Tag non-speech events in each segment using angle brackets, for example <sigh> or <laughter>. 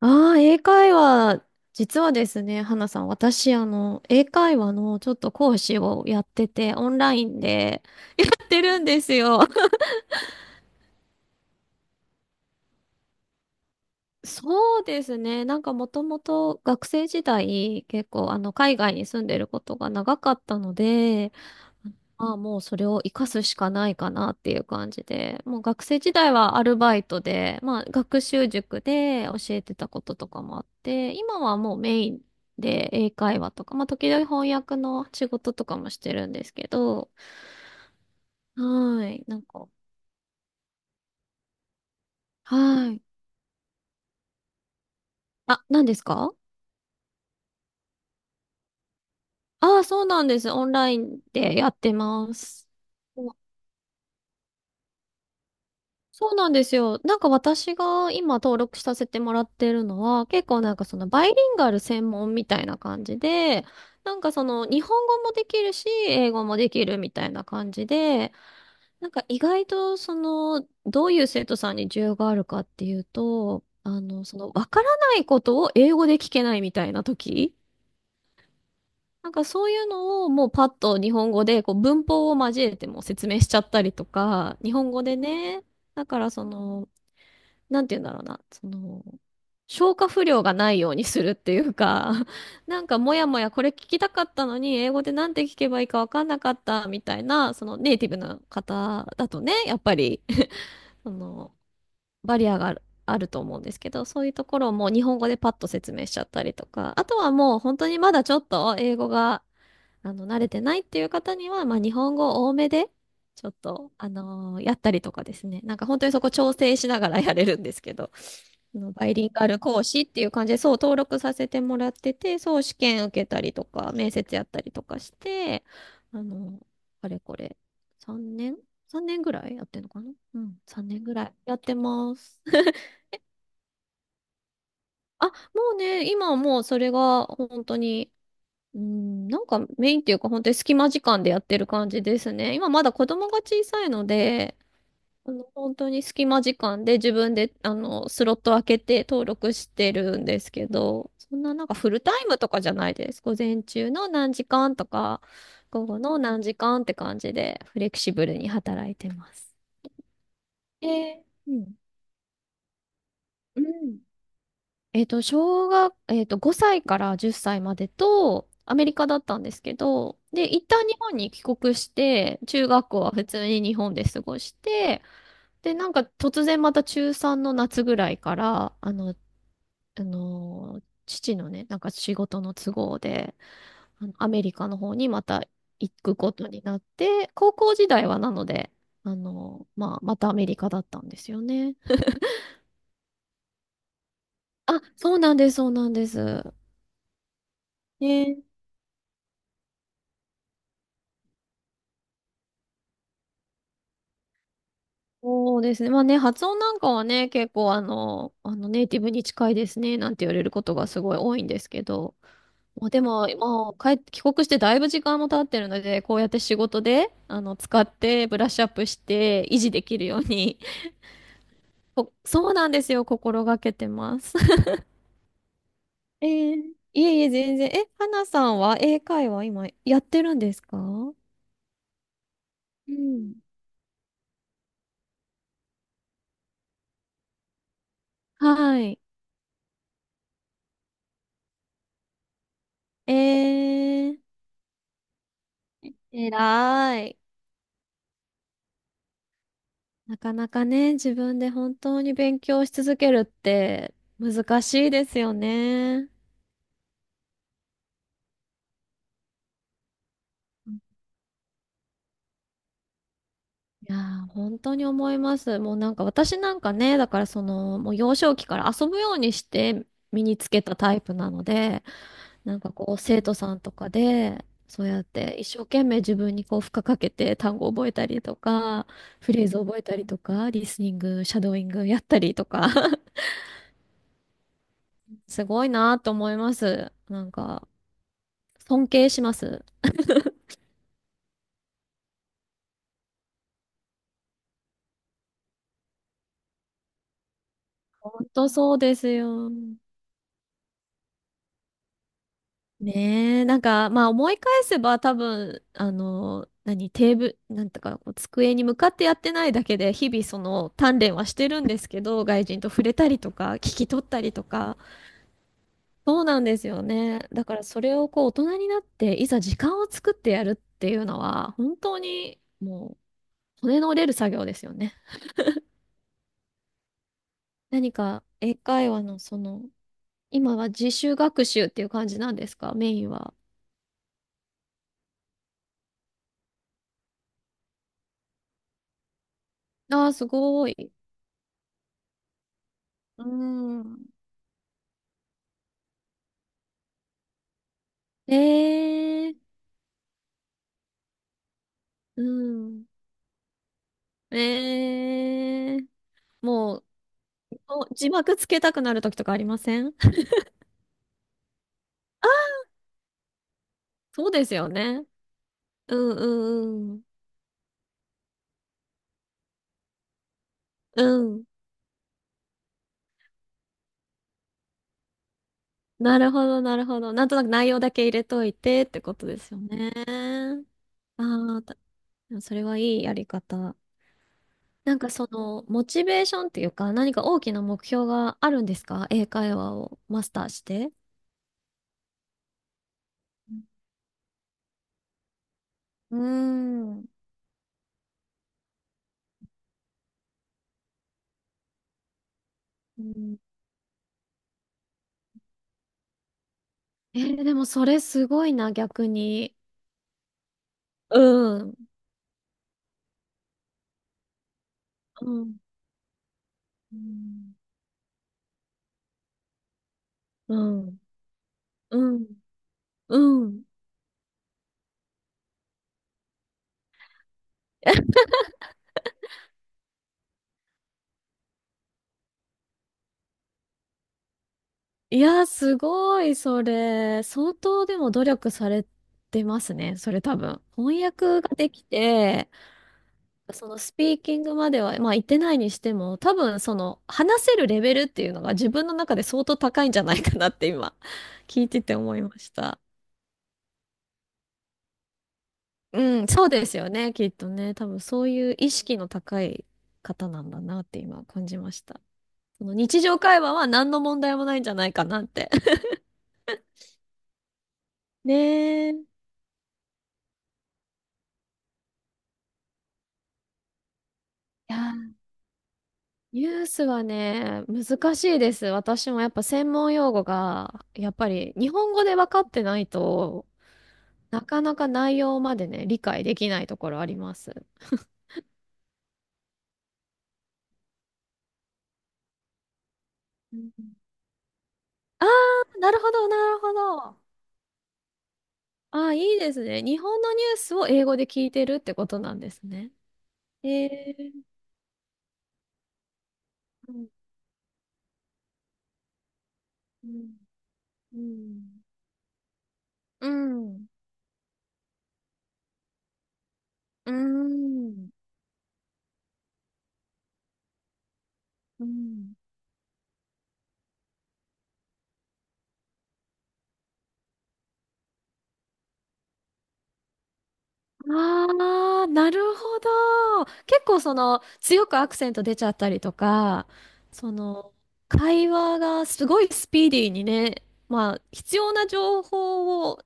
英会話、実はですね、花さん、私、英会話のちょっと講師をやってて、オンラインで <laughs> やってるんですよ。<laughs> そうですね、なんかもともと学生時代、結構、海外に住んでることが長かったので、まあもうそれを活かすしかないかなっていう感じで、もう学生時代はアルバイトで、まあ学習塾で教えてたこととかもあって、今はもうメインで英会話とか、まあ時々翻訳の仕事とかもしてるんですけど、はい、はい。あ、何ですか？ああー、そうなんです。オンラインでやってます。そうなんですよ。なんか私が今登録させてもらってるのは、結構なんかそのバイリンガル専門みたいな感じで、なんかその日本語もできるし、英語もできるみたいな感じで、なんか意外とその、どういう生徒さんに需要があるかっていうと、そのわからないことを英語で聞けないみたいな時、なんかそういうのをもうパッと日本語でこう文法を交えても説明しちゃったりとか、日本語でね、だからその、なんて言うんだろうな、その、消化不良がないようにするっていうか、<laughs> なんかもやもやこれ聞きたかったのに、英語でなんて聞けばいいかわかんなかったみたいな、そのネイティブの方だとね、やっぱり <laughs> その、バリアがある、あると思うんですけど、そういうところをもう日本語でパッと説明しちゃったりとか、あとはもう本当にまだちょっと英語が慣れてないっていう方には、まあ、日本語多めで、ちょっと、やったりとかですね。なんか本当にそこ調整しながらやれるんですけど、あのバイリンガル講師っていう感じで、そう登録させてもらってて、そう試験受けたりとか、面接やったりとかして、あの、あれこれ、3年 ?3 年ぐらいやってんのかな、うん、3年ぐらいやってます。<laughs> あ、もうね、今はもうそれが本当に、うん、なんかメインっていうか本当に隙間時間でやってる感じですね。今まだ子供が小さいので、あの本当に隙間時間で自分であのスロット開けて登録してるんですけど、そんななんかフルタイムとかじゃないです。午前中の何時間とか、午後の何時間って感じでフレキシブルに働いてます。うん。うん、えっと、5歳から10歳までと、アメリカだったんですけど、で、一旦日本に帰国して、中学校は普通に日本で過ごして、で、なんか突然また中3の夏ぐらいから、父のね、なんか仕事の都合で、あのアメリカの方にまた行くことになって、高校時代はなので、まあ、またアメリカだったんですよね。あ、そうなんです、そうなんです。ね、そうですね。まあね、発音なんかはね、結構ネイティブに近いですね、なんて言われることがすごい多いんですけど、まあ、でも、もう帰って、帰国してだいぶ時間も経ってるので、こうやって仕事で、使ってブラッシュアップして維持できるように、<laughs> こそうなんですよ、心がけてます。<laughs> えー、いえいえ、全然。え、花さんは英会話今やってるんですか？うん。はい。えー、偉い。なかなかね、自分で本当に勉強し続けるって難しいですよね。いやー、本当に思います。もうなんか私なんかね、だからその、もう幼少期から遊ぶようにして身につけたタイプなので、なんかこう生徒さんとかで、そうやって一生懸命自分にこう負荷かけて単語を覚えたりとか、フレーズを覚えたりとか、リスニング、シャドーイングやったりとか、<laughs> すごいなーと思います。尊敬します。本当そうですよ。ねえ、なんか、まあ思い返せば多分、あの、何、テーブル、なんとかこう、机に向かってやってないだけで、日々その鍛錬はしてるんですけど、外人と触れたりとか、聞き取ったりとか、そうなんですよね。だからそれをこう、大人になって、いざ時間を作ってやるっていうのは、本当にもう、骨の折れる作業ですよね。何か、英会話のその、今は自主学習っていう感じなんですか、メインは。ああ、すごい。うん。ええ、うん。ええ、もう、お字幕つけたくなる時とかありません？そうですよね。うんうんうん。うん。なるほど、なるほど。なんとなく内容だけ入れといてってことですよね。ああ、たそれはいいやり方。なんかその、モチベーションっていうか、何か大きな目標があるんですか？英会話をマスターして。うん。うーん、えー、でもそれすごいな、逆に。うん。うん。うん。うん。うん。いや、すごい、それ。相当でも努力されてますね、それ多分。翻訳ができて、そのスピーキングまでは、まあ言ってないにしても、多分その話せるレベルっていうのが自分の中で相当高いんじゃないかなって今、聞いてて思いました。うん、そうですよね、きっとね。多分そういう意識の高い方なんだなって今感じました。その日常会話は何の問題もないんじゃないかなって。<laughs> ねえ。いや、ニュースはね、難しいです。私もやっぱ専門用語が、やっぱり日本語で分かってないとなかなか内容までね、理解できないところあります。うん、あー、なるほど、なるほど。ああ、いいですね。日本のニュースを英語で聞いてるってことなんですね。ええ、うんうんうんうん、うんうん、ああー、なるほど。結構その強くアクセント出ちゃったりとか、その会話がすごいスピーディーにね、まあ必要な情報を、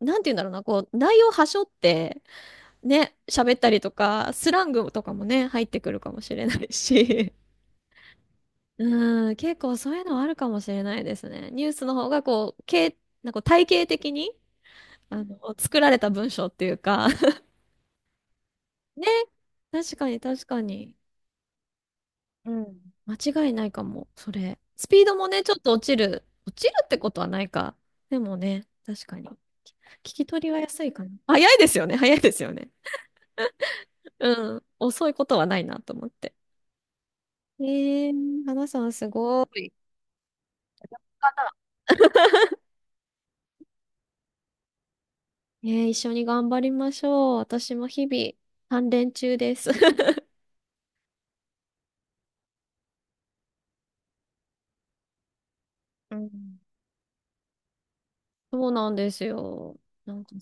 なんて言うんだろうな、こう内容はしょってね、喋ったりとか、スラングとかもね、入ってくるかもしれないし。うん、結構そういうのはあるかもしれないですね。ニュースの方がこう、なんか体系的に、作られた文章っていうか <laughs> ね、確かに確かに。うん。間違いないかも、それ。スピードもね、ちょっと落ちる。落ちるってことはないか。でもね、確かに。聞き取りは安いかな。早いですよね。うん、遅いことはないなと思って。えー、花さんすごい。えー、一緒に頑張りましょう。私も日々、鍛錬中です。うん。そうなんですよ。なんか、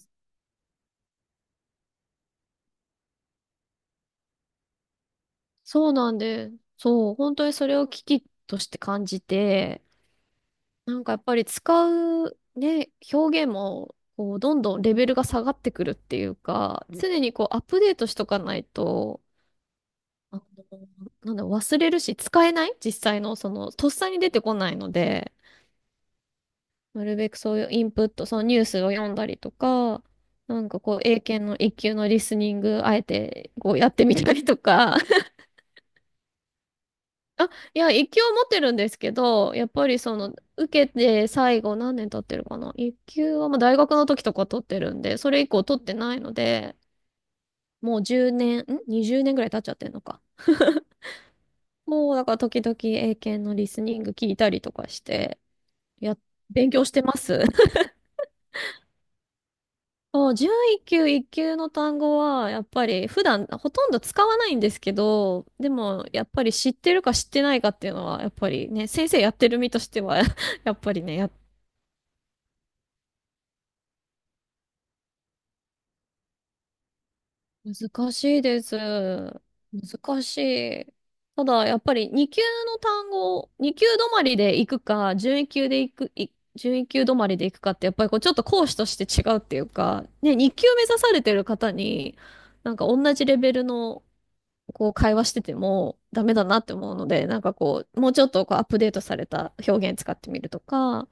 そうなんで、そう、本当にそれを危機として感じて、なんかやっぱり使うね、表現も、こう、どんどんレベルが下がってくるっていうか、うん、常にこう、アップデートしとかないと、あの、なんだ、忘れるし、使えない実際の、その、とっさに出てこないので、なるべくそういうインプット、そのニュースを読んだりとか、なんかこう、英検の一級のリスニング、あえてこうやってみたりとか、あ、いや、一級を持ってるんですけど、やっぱりその、受けて最後何年経ってるかな。一級はまあ大学の時とか取ってるんで、それ以降取ってないので、もう10年、ん ?20 年ぐらい経っちゃってるのか。もうだから時々英検のリスニング聞いたりとかして、や、勉強してます。<laughs> もう準一級、一級の単語は、やっぱり普段ほとんど使わないんですけど、でもやっぱり知ってるか知ってないかっていうのは、やっぱりね、先生やってる身としては <laughs> やっぱりね、難しいです。難しい。ただ、やっぱり2級の単語、2級止まりで行くか、11級で行く、い1級止まりで行くかって、やっぱりこうちょっと講師として違うっていうか、ね、2級目指されてる方に、なんか同じレベルのこう会話しててもダメだなって思うので、なんかこう、もうちょっとこうアップデートされた表現使ってみるとか、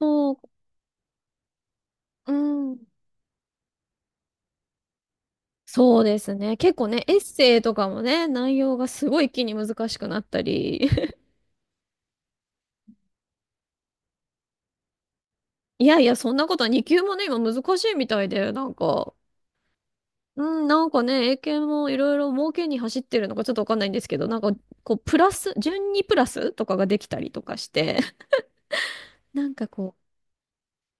そう、うん。そうですね。結構ね、エッセイとかもね、内容がすごい一気に難しくなったり。<laughs> いやいや、そんなことは2級もね、今難しいみたいで、うん、なんかね、英検もいろいろ儲けに走ってるのかちょっとわかんないんですけど、なんか、こう、プラス、順にプラスとかができたりとかして、<laughs> なんかこ